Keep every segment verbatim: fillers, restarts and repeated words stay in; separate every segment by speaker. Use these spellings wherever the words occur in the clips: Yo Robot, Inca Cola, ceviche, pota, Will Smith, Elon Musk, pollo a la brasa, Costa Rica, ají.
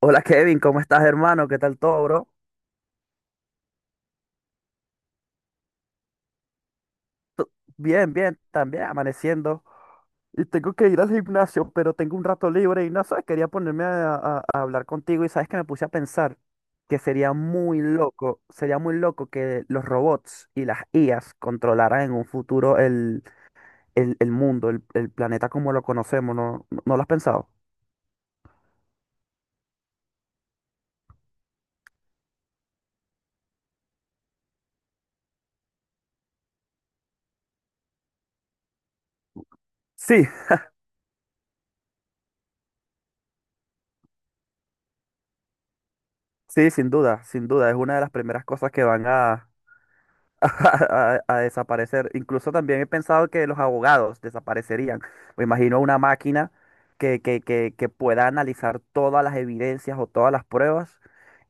Speaker 1: Hola Kevin, ¿cómo estás hermano? ¿Qué tal todo, bro? To- Bien, bien, también amaneciendo. Y tengo que ir al gimnasio, pero tengo un rato libre y no sé, quería ponerme a, a- a hablar contigo y sabes que me puse a pensar que sería muy loco, sería muy loco que los robots y las I As controlaran en un futuro el, el- el mundo, el, el planeta como lo conocemos. ¿No, no no lo has pensado? Sí, sí, sin duda, sin duda, es una de las primeras cosas que van a a, a a desaparecer. Incluso también he pensado que los abogados desaparecerían. Me imagino una máquina que, que, que, que pueda analizar todas las evidencias o todas las pruebas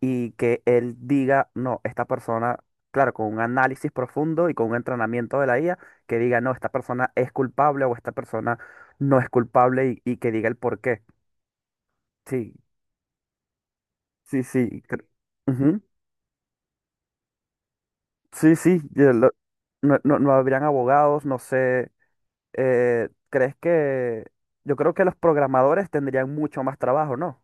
Speaker 1: y que él diga, no, esta persona, claro, con un análisis profundo y con un entrenamiento de la I A, que diga, no, esta persona es culpable o esta persona no es culpable, y, y que diga el por qué. Sí, sí, sí. cre- Ujú. Sí, sí. yo lo- no, no, no habrían abogados, no sé. Eh, ¿crees que yo creo que los programadores tendrían mucho más trabajo, ¿no?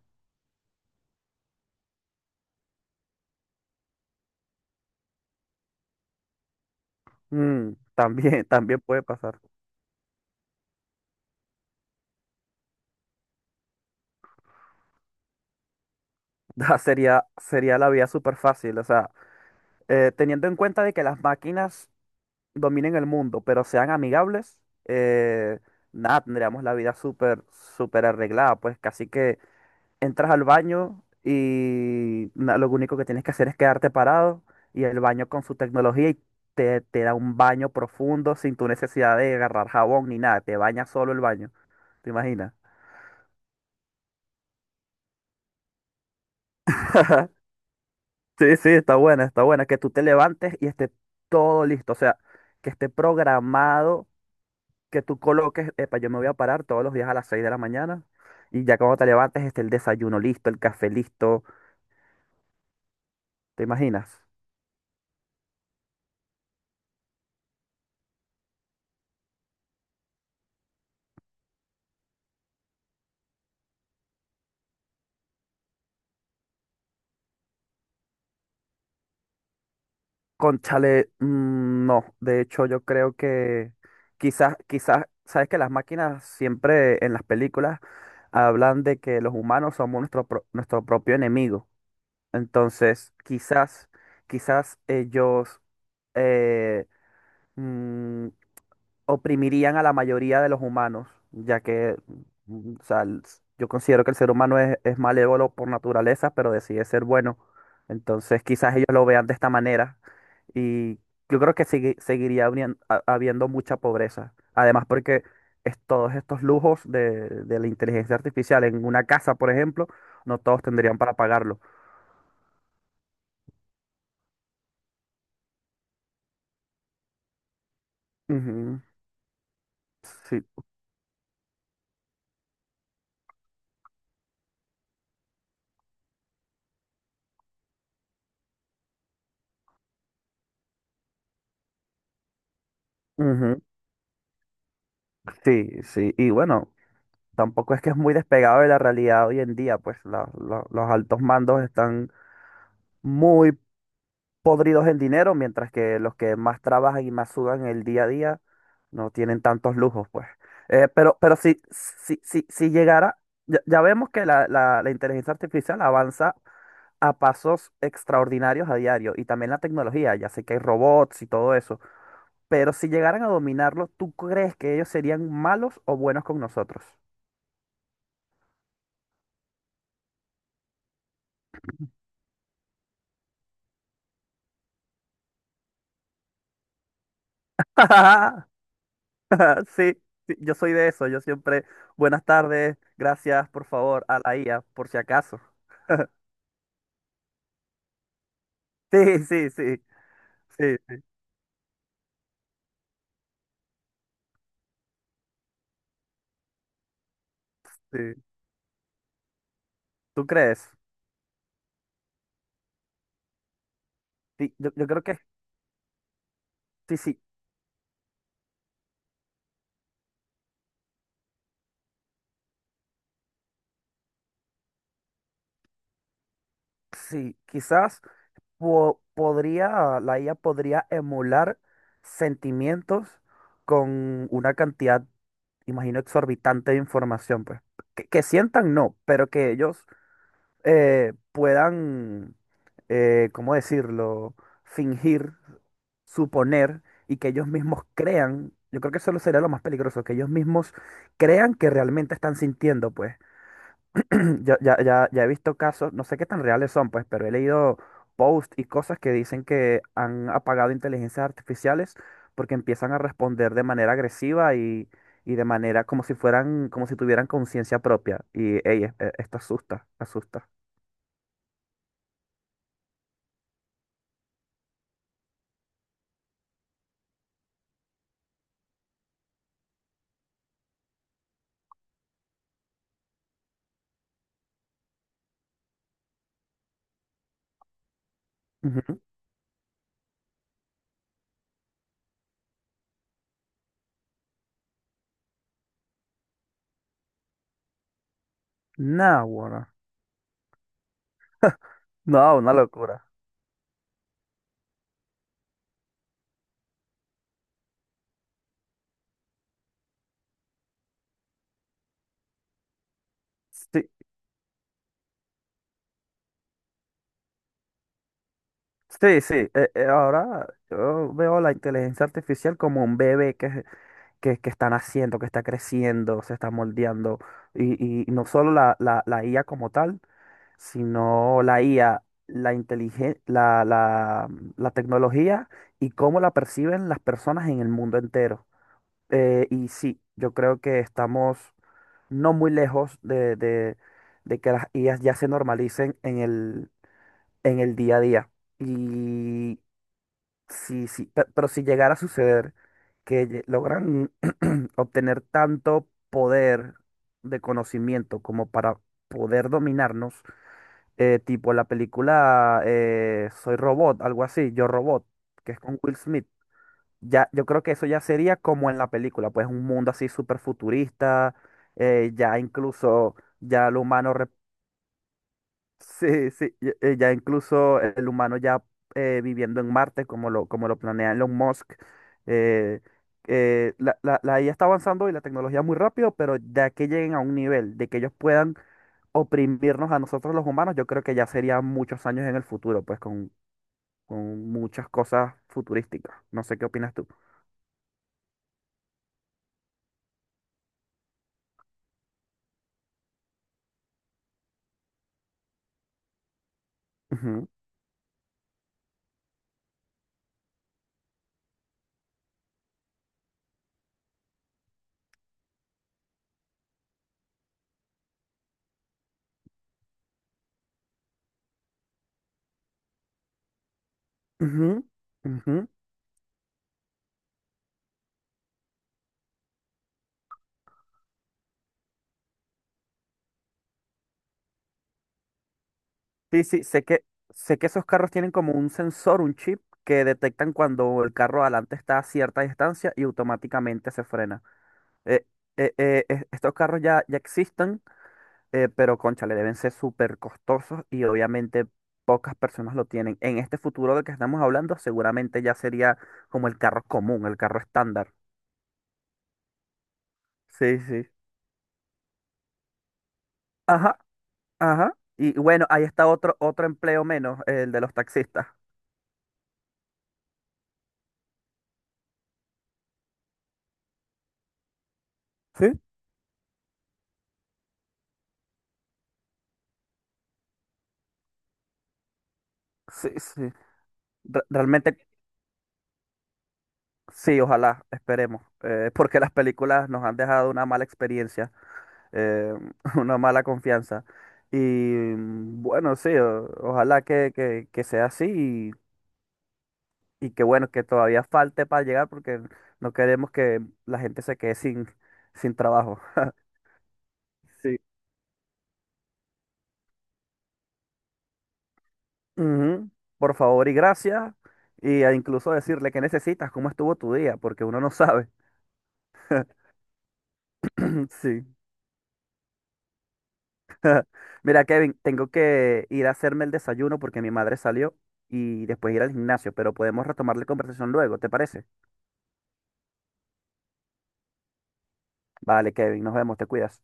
Speaker 1: Mm, también, también puede pasar. Ah, Sería, sería la vía súper fácil. O sea, eh, teniendo en cuenta de que las máquinas dominen el mundo, pero sean amigables. eh, Nada, tendríamos la vida súper, súper arreglada. Pues casi que entras al baño y na- lo único que tienes que hacer es quedarte parado, y el baño con su tecnología y te, te da un baño profundo sin tu necesidad de agarrar jabón ni nada, te baña solo el baño. ¿Te imaginas? Sí, sí, está buena, está buena, que tú te levantes y esté todo listo, o sea, que esté programado, que tú coloques, epa, yo me voy a parar todos los días a las seis de la mañana, y ya cuando te levantes esté el desayuno listo, el café listo. ¿Te imaginas? Conchale, mm, no. De hecho, yo creo que quizás, quizás, sabes que las máquinas siempre en las películas hablan de que los humanos somos nuestro, pro- nuestro propio enemigo. Entonces, quizás, quizás ellos eh, oprimirían a la mayoría de los humanos, ya que, mm, o sea, el- yo considero que el ser humano es, es malévolo por naturaleza, pero decide ser bueno. Entonces, quizás ellos lo vean de esta manera, y yo creo que sigue- seguiría habrían- ha- habiendo mucha pobreza. Además, porque es- todos estos lujos de, de la inteligencia artificial en una casa, por ejemplo, no todos tendrían para pagarlo. Ujú. Sí, ujú, sí, sí. Y bueno, tampoco es que es muy despegado de la realidad hoy en día, pues la- la- los altos mandos están muy podridos en dinero, mientras que los que más trabajan y más sudan el día a día no tienen tantos lujos, pues. Eh, pero, pero si, si, si, si llegara, ya, ya vemos que la, la, la inteligencia artificial avanza a pasos extraordinarios a diario, y también la tecnología. Ya sé que hay robots y todo eso, pero si llegaran a dominarlo, ¿tú crees que ellos serían malos o buenos con nosotros? Sí, sí, yo soy de eso. Yo siempre, buenas tardes, gracias, por favor, a la I A, por si acaso. Sí, sí, sí, sí, sí. ¿Tú crees? Sí, yo, yo creo que sí, sí, sí. Quizás po- podría, la I A podría emular sentimientos con una cantidad, imagino, exorbitante de información, pues. Que, que sientan, no, pero que ellos eh, puedan, eh, ¿cómo decirlo? Fingir, suponer, y que ellos mismos crean. Yo creo que eso lo sería lo más peligroso, que ellos mismos crean que realmente están sintiendo, pues. Yo ya, ya, ya he visto casos, no sé qué tan reales son, pues, pero he leído posts y cosas que dicen que han apagado inteligencias artificiales porque empiezan a responder de manera agresiva, y, y de manera como si fueran, como si tuvieran conciencia propia. Y, ey, e- e- esto asusta, asusta. Ujú. Nah, bueno. No, una locura. Sí, sí, sí, eh, eh, ahora yo veo la inteligencia artificial como un bebé que, que, que está naciendo, que está creciendo, se está moldeando. Y, y no solo la, la, la I A como tal, sino la I A, la inteligen- la, la, mm, la tecnología, y cómo la perciben las personas en el mundo entero. Eh, y sí, yo creo que estamos no muy lejos de, de, de que las I As ya se normalicen en el, en el día a día. Y Sí, sí, pe- pero, si llegara a suceder, que lle- logran obtener tanto poder de conocimiento como para poder dominarnos, eh, tipo la película, eh, Soy Robot, algo así, Yo Robot, que es con Will Smith. Ya, yo creo que eso ya sería como en la película, pues un mundo así súper futurista. Eh, ya incluso ya el humano. Sí, sí, ya, eh, ya incluso el humano ya eh, viviendo en Marte, como lo, como lo planea Elon Musk. Eh, eh, la, la, la I A está avanzando y la tecnología muy rápido, pero ya que lleguen a un nivel de que ellos puedan oprimirnos a nosotros los humanos, yo creo que ya serían muchos años en el futuro, pues con, con muchas cosas futurísticas. No sé qué opinas tú. Ujú, ujú, ujú. Sí, sí, sé que, sé que esos carros tienen como un sensor, un chip, que detectan cuando el carro adelante está a cierta distancia y automáticamente se frena. Eh, eh, eh, es- estos carros ya, ya existen. Eh, pero cónchale, deben ser súper costosos, y obviamente pocas personas lo tienen. En este futuro del que estamos hablando, seguramente ya sería como el carro común, el carro estándar. Sí, sí. Ajá, ajá. Y bueno, ahí está otro, otro empleo menos, el de los taxistas. Sí, sí, sí. Re- Realmente. Sí, ojalá, esperemos. Eh, porque las películas nos han dejado una mala experiencia, eh, una mala confianza. Y mm, bueno, sí, o- ojalá que, que- que sea así, y, y que bueno, que todavía falte para llegar, porque no queremos que la gente se quede sin, sin trabajo. Sí. Ujú. Por favor y gracias. Y a incluso decirle qué necesitas, cómo estuvo tu día, porque uno no sabe. Sí. Mira, Kevin, tengo que ir a hacerme el desayuno porque mi madre salió, y después ir al gimnasio, pero podemos retomar la conversación luego, ¿te parece? Vale, Kevin, nos vemos, te cuidas.